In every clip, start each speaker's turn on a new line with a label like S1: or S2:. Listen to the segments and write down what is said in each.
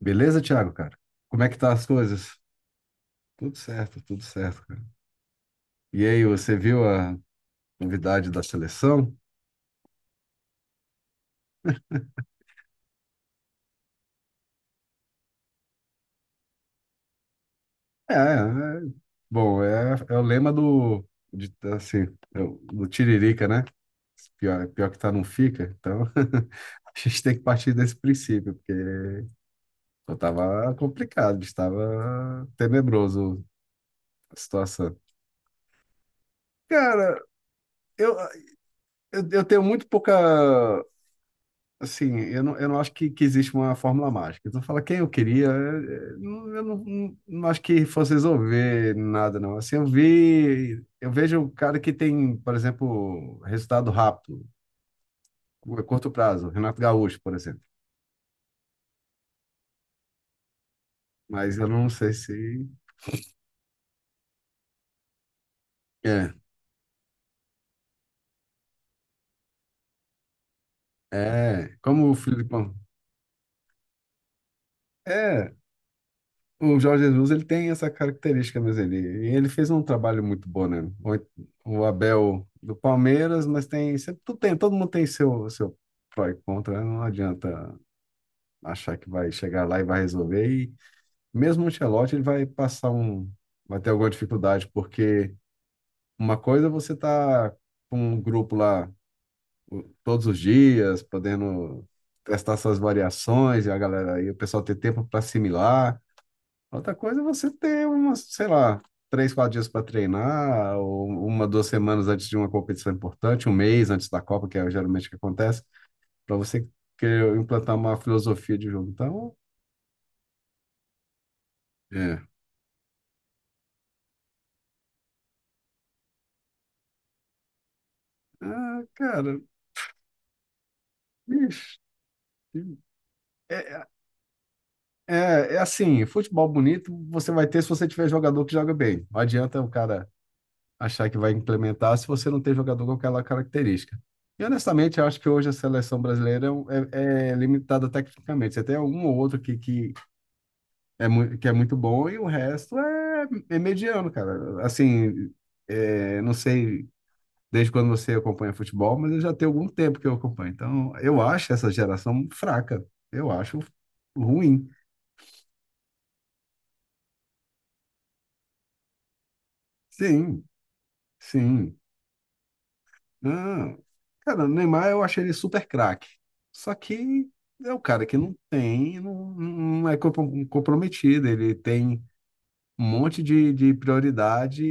S1: Beleza, Thiago, cara? Como é que tá as coisas? Tudo certo, cara. E aí, você viu a novidade da seleção? É, é, é. Bom, é o lema assim, do Tiririca, né? Pior, pior que tá, não fica. Então, a gente tem que partir desse princípio, porque eu tava complicado, estava tenebroso a situação. Cara, eu, eu tenho muito pouca. Assim, eu não acho que existe uma fórmula mágica. Então, fala quem eu queria, eu não acho que fosse resolver nada, não. Assim, eu vejo o cara que tem, por exemplo, resultado rápido, curto prazo, Renato Gaúcho, por exemplo. Mas eu não sei se. É, é. Como o Filipão. É. O Jorge Jesus, ele tem essa característica, mas e ele fez um trabalho muito bom, né? O Abel do Palmeiras, mas tem, sempre, todo mundo tem seu pró e contra, né? Não adianta achar que vai chegar lá e vai resolver. E mesmo o Ancelotti, ele vai vai ter alguma dificuldade, porque uma coisa é você tá com um grupo lá todos os dias, podendo testar essas variações, e o pessoal ter tempo para assimilar. Outra coisa é você ter umas, sei lá, três, quatro dias para treinar, ou uma, duas semanas antes de uma competição importante, um mês antes da Copa, que é geralmente o que acontece, para você querer implantar uma filosofia de jogo. Então, é. Ah, cara, bicho, é, é assim, futebol bonito você vai ter se você tiver jogador que joga bem. Não adianta o cara achar que vai implementar se você não tem jogador com aquela característica. E honestamente, eu acho que hoje a seleção brasileira é, um, é limitada tecnicamente. Você tem um ou outro que, que é muito bom e o resto é mediano, cara. Assim, não sei desde quando você acompanha futebol, mas eu já tenho algum tempo que eu acompanho. Então, eu acho essa geração fraca. Eu acho ruim. Sim, sim. Ah, cara, o Neymar eu achei ele super craque. Só que é o cara que não tem, não, não é comprometido. Ele tem um monte de prioridade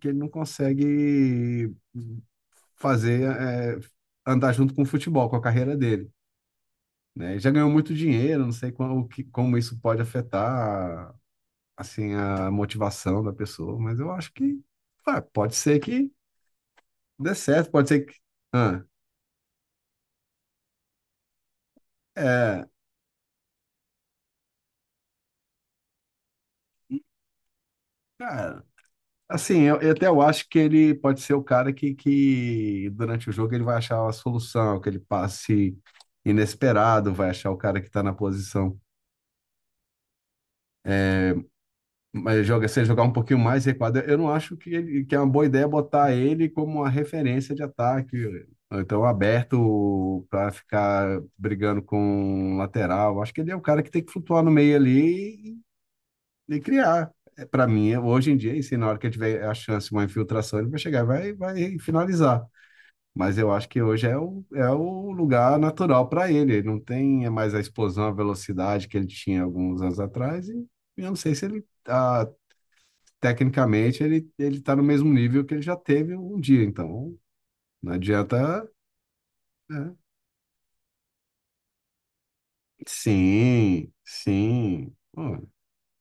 S1: que ele não consegue fazer, andar junto com o futebol, com a carreira dele, né? Já ganhou muito dinheiro, não sei como, como isso pode afetar, assim, a motivação da pessoa, mas eu acho que pode ser que dê certo, pode ser que... Ah, é, cara. Assim, eu acho que ele pode ser o cara que durante o jogo ele vai achar a solução, que ele passe inesperado, vai achar o cara que está na posição. Mas joga, se ele jogar um pouquinho mais recuado, eu não acho que, ele, que é uma boa ideia botar ele como uma referência de ataque, ou então aberto para ficar brigando com o lateral. Acho que ele é o cara que tem que flutuar no meio ali e criar. Para mim, hoje em dia, e se na hora que ele tiver a chance, uma infiltração, ele vai chegar e vai finalizar. Mas eu acho que hoje é o, é o lugar natural para ele. Ele não tem mais a explosão, a velocidade que ele tinha alguns anos atrás. E eu não sei se ele, ah, tecnicamente, ele está no mesmo nível que ele já teve um dia. Então, não adianta, né? Sim, sim. Pô,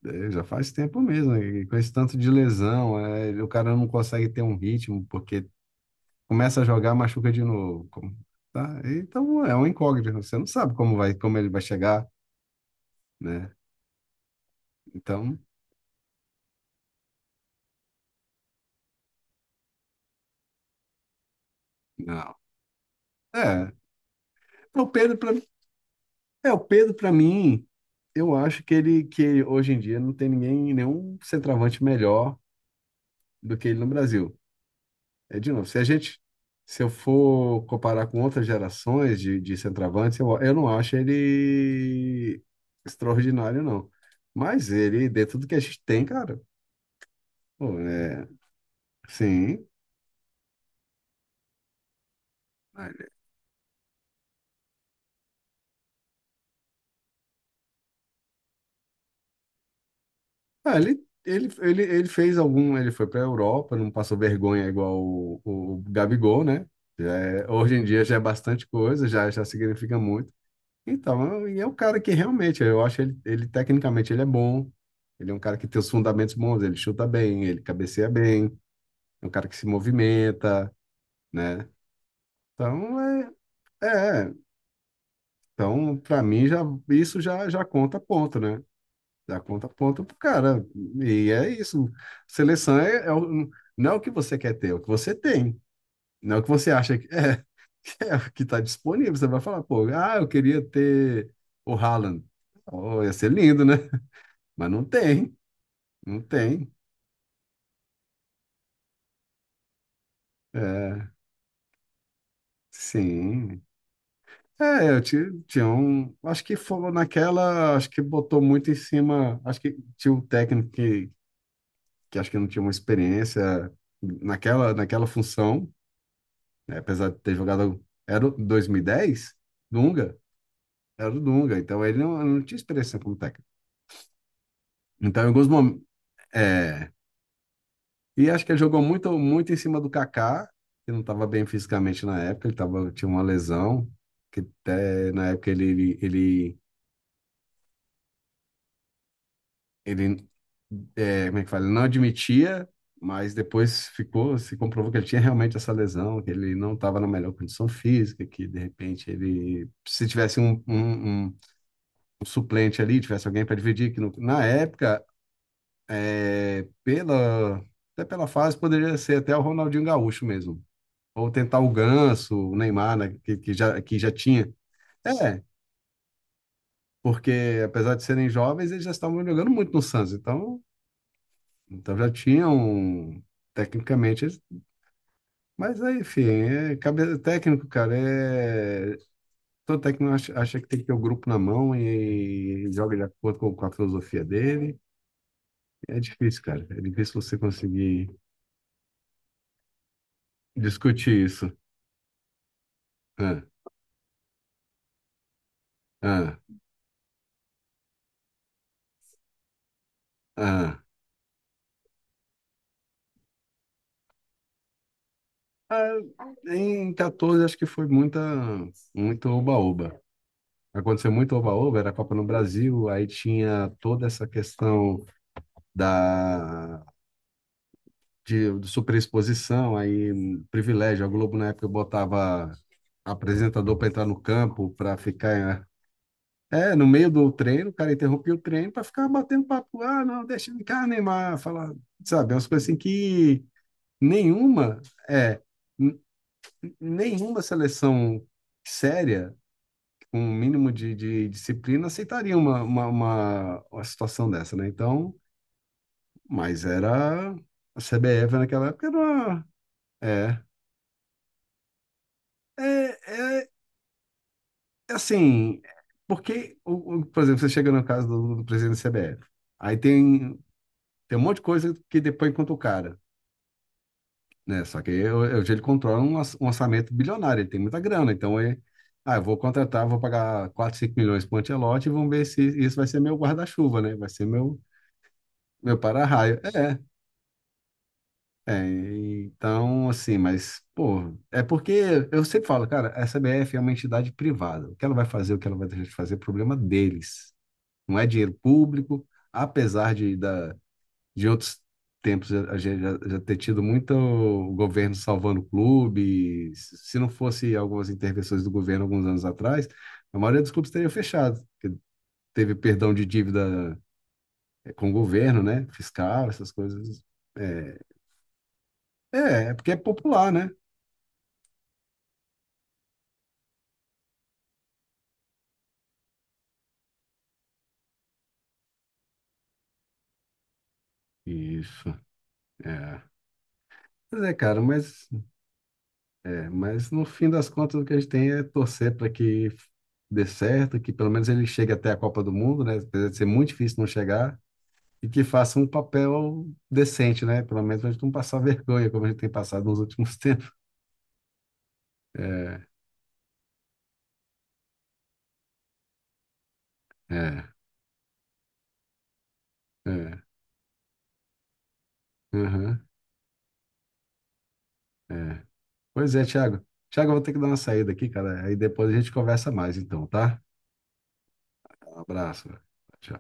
S1: já faz tempo mesmo, né? E com esse tanto de lesão, o cara não consegue ter um ritmo, porque começa a jogar, machuca de novo. Tá? Então, é um incógnito. Você não sabe como ele vai chegar, né? Então, não. É, o Pedro para é o Pedro para mim, eu acho que ele que hoje em dia não tem ninguém nenhum centroavante melhor do que ele no Brasil. É de novo, se a gente se eu for comparar com outras gerações de centroavantes, eu não acho ele extraordinário, não. Mas ele dentro do que a gente tem, cara, pô, é, sim. Ah, ele fez algum. Ele foi para a Europa, não passou vergonha igual o Gabigol, né? Hoje em dia já é bastante coisa, já significa muito. Então, e é um cara que realmente, ele tecnicamente ele é bom. Ele é um cara que tem os fundamentos bons, ele chuta bem, ele cabeceia bem, é um cara que se movimenta, né? Então, é, então para mim já isso já conta ponto, né? Da conta ponta pro cara. E é isso. Seleção não é o que você quer ter, é o que você tem. Não é o que você acha que é, é o que está disponível. Você vai falar, pô, ah, eu queria ter o Haaland. Oh, ia ser lindo, né? Mas não tem, não tem. É, sim. É, eu tinha um. Acho que foi naquela. Acho que botou muito em cima. Acho que tinha um técnico que acho que não tinha uma experiência naquela função, né? Apesar de ter jogado, era o 2010. Dunga, era o Dunga, então ele não tinha experiência como técnico. Então, em alguns momentos, é, e acho que ele jogou muito, muito em cima do Kaká, que não estava bem fisicamente na época, ele tava, tinha uma lesão, que até na época ele, como é que fala? Ele não admitia, mas depois ficou, se comprovou que ele tinha realmente essa lesão, que ele não estava na melhor condição física, que de repente ele, se tivesse um suplente ali, tivesse alguém para dividir, que na época, é, pela, até pela fase, poderia ser até o Ronaldinho Gaúcho mesmo. Ou tentar o Ganso, o Neymar, né, que já tinha. É, porque apesar de serem jovens, eles já estavam jogando muito no Santos, então, já tinham, tecnicamente, eles- mas aí, enfim, técnico, cara, é... Todo técnico acha que tem que ter o grupo na mão e joga de acordo com a filosofia dele. É difícil, cara. É difícil você conseguir discutir isso. Ah, ah, ah. Ah, em 14, acho que foi muito oba-oba. Aconteceu muito oba-oba, era a Copa no Brasil, aí tinha toda essa questão da de superexposição, aí privilégio. A Globo, na época, botava apresentador para entrar no campo, para ficar. É, no meio do treino, o cara interrompia o treino para ficar batendo papo. Ah, não, deixa de cá, Neymar. Falar, sabe, umas coisas assim que nenhuma, é, n- n- nenhuma seleção séria, com um mínimo de disciplina, aceitaria uma situação dessa, né? Então, mas era, a CBF naquela época era, é, é, é assim, porque, por exemplo, você chega no caso do presidente da CBF, aí tem tem um monte de coisa que depois conta o cara, né? Só que hoje ele controla um, um orçamento bilionário, ele tem muita grana, então ele, ah, eu vou contratar, vou pagar 4 5 milhões para o Ancelotti e vamos ver se isso vai ser meu guarda-chuva, né? Vai ser meu, meu para-raio. É, então, assim, mas, pô, é porque eu sempre falo, cara, a CBF é uma entidade privada, o que ela vai fazer, o que ela vai deixar de fazer é problema deles, não é dinheiro público, apesar de, da, de outros tempos a gente já ter tido muito governo salvando clubes. Se não fosse algumas intervenções do governo alguns anos atrás, a maioria dos clubes teria fechado, porque teve perdão de dívida, eh, com o governo, né? Fiscal, essas coisas. É, é, é, porque é popular, né? Isso, é. Pois é, cara, mas no fim das contas o que a gente tem é torcer para que dê certo, que pelo menos ele chegue até a Copa do Mundo, né? Apesar de ser muito difícil não chegar, e que faça um papel decente, né? Pelo menos a gente não passar vergonha, como a gente tem passado nos últimos tempos. É, é, é, aham, é. Pois é, Thiago. Thiago, eu vou ter que dar uma saída aqui, cara. Aí depois a gente conversa mais, então, tá? Um abraço. Tchau.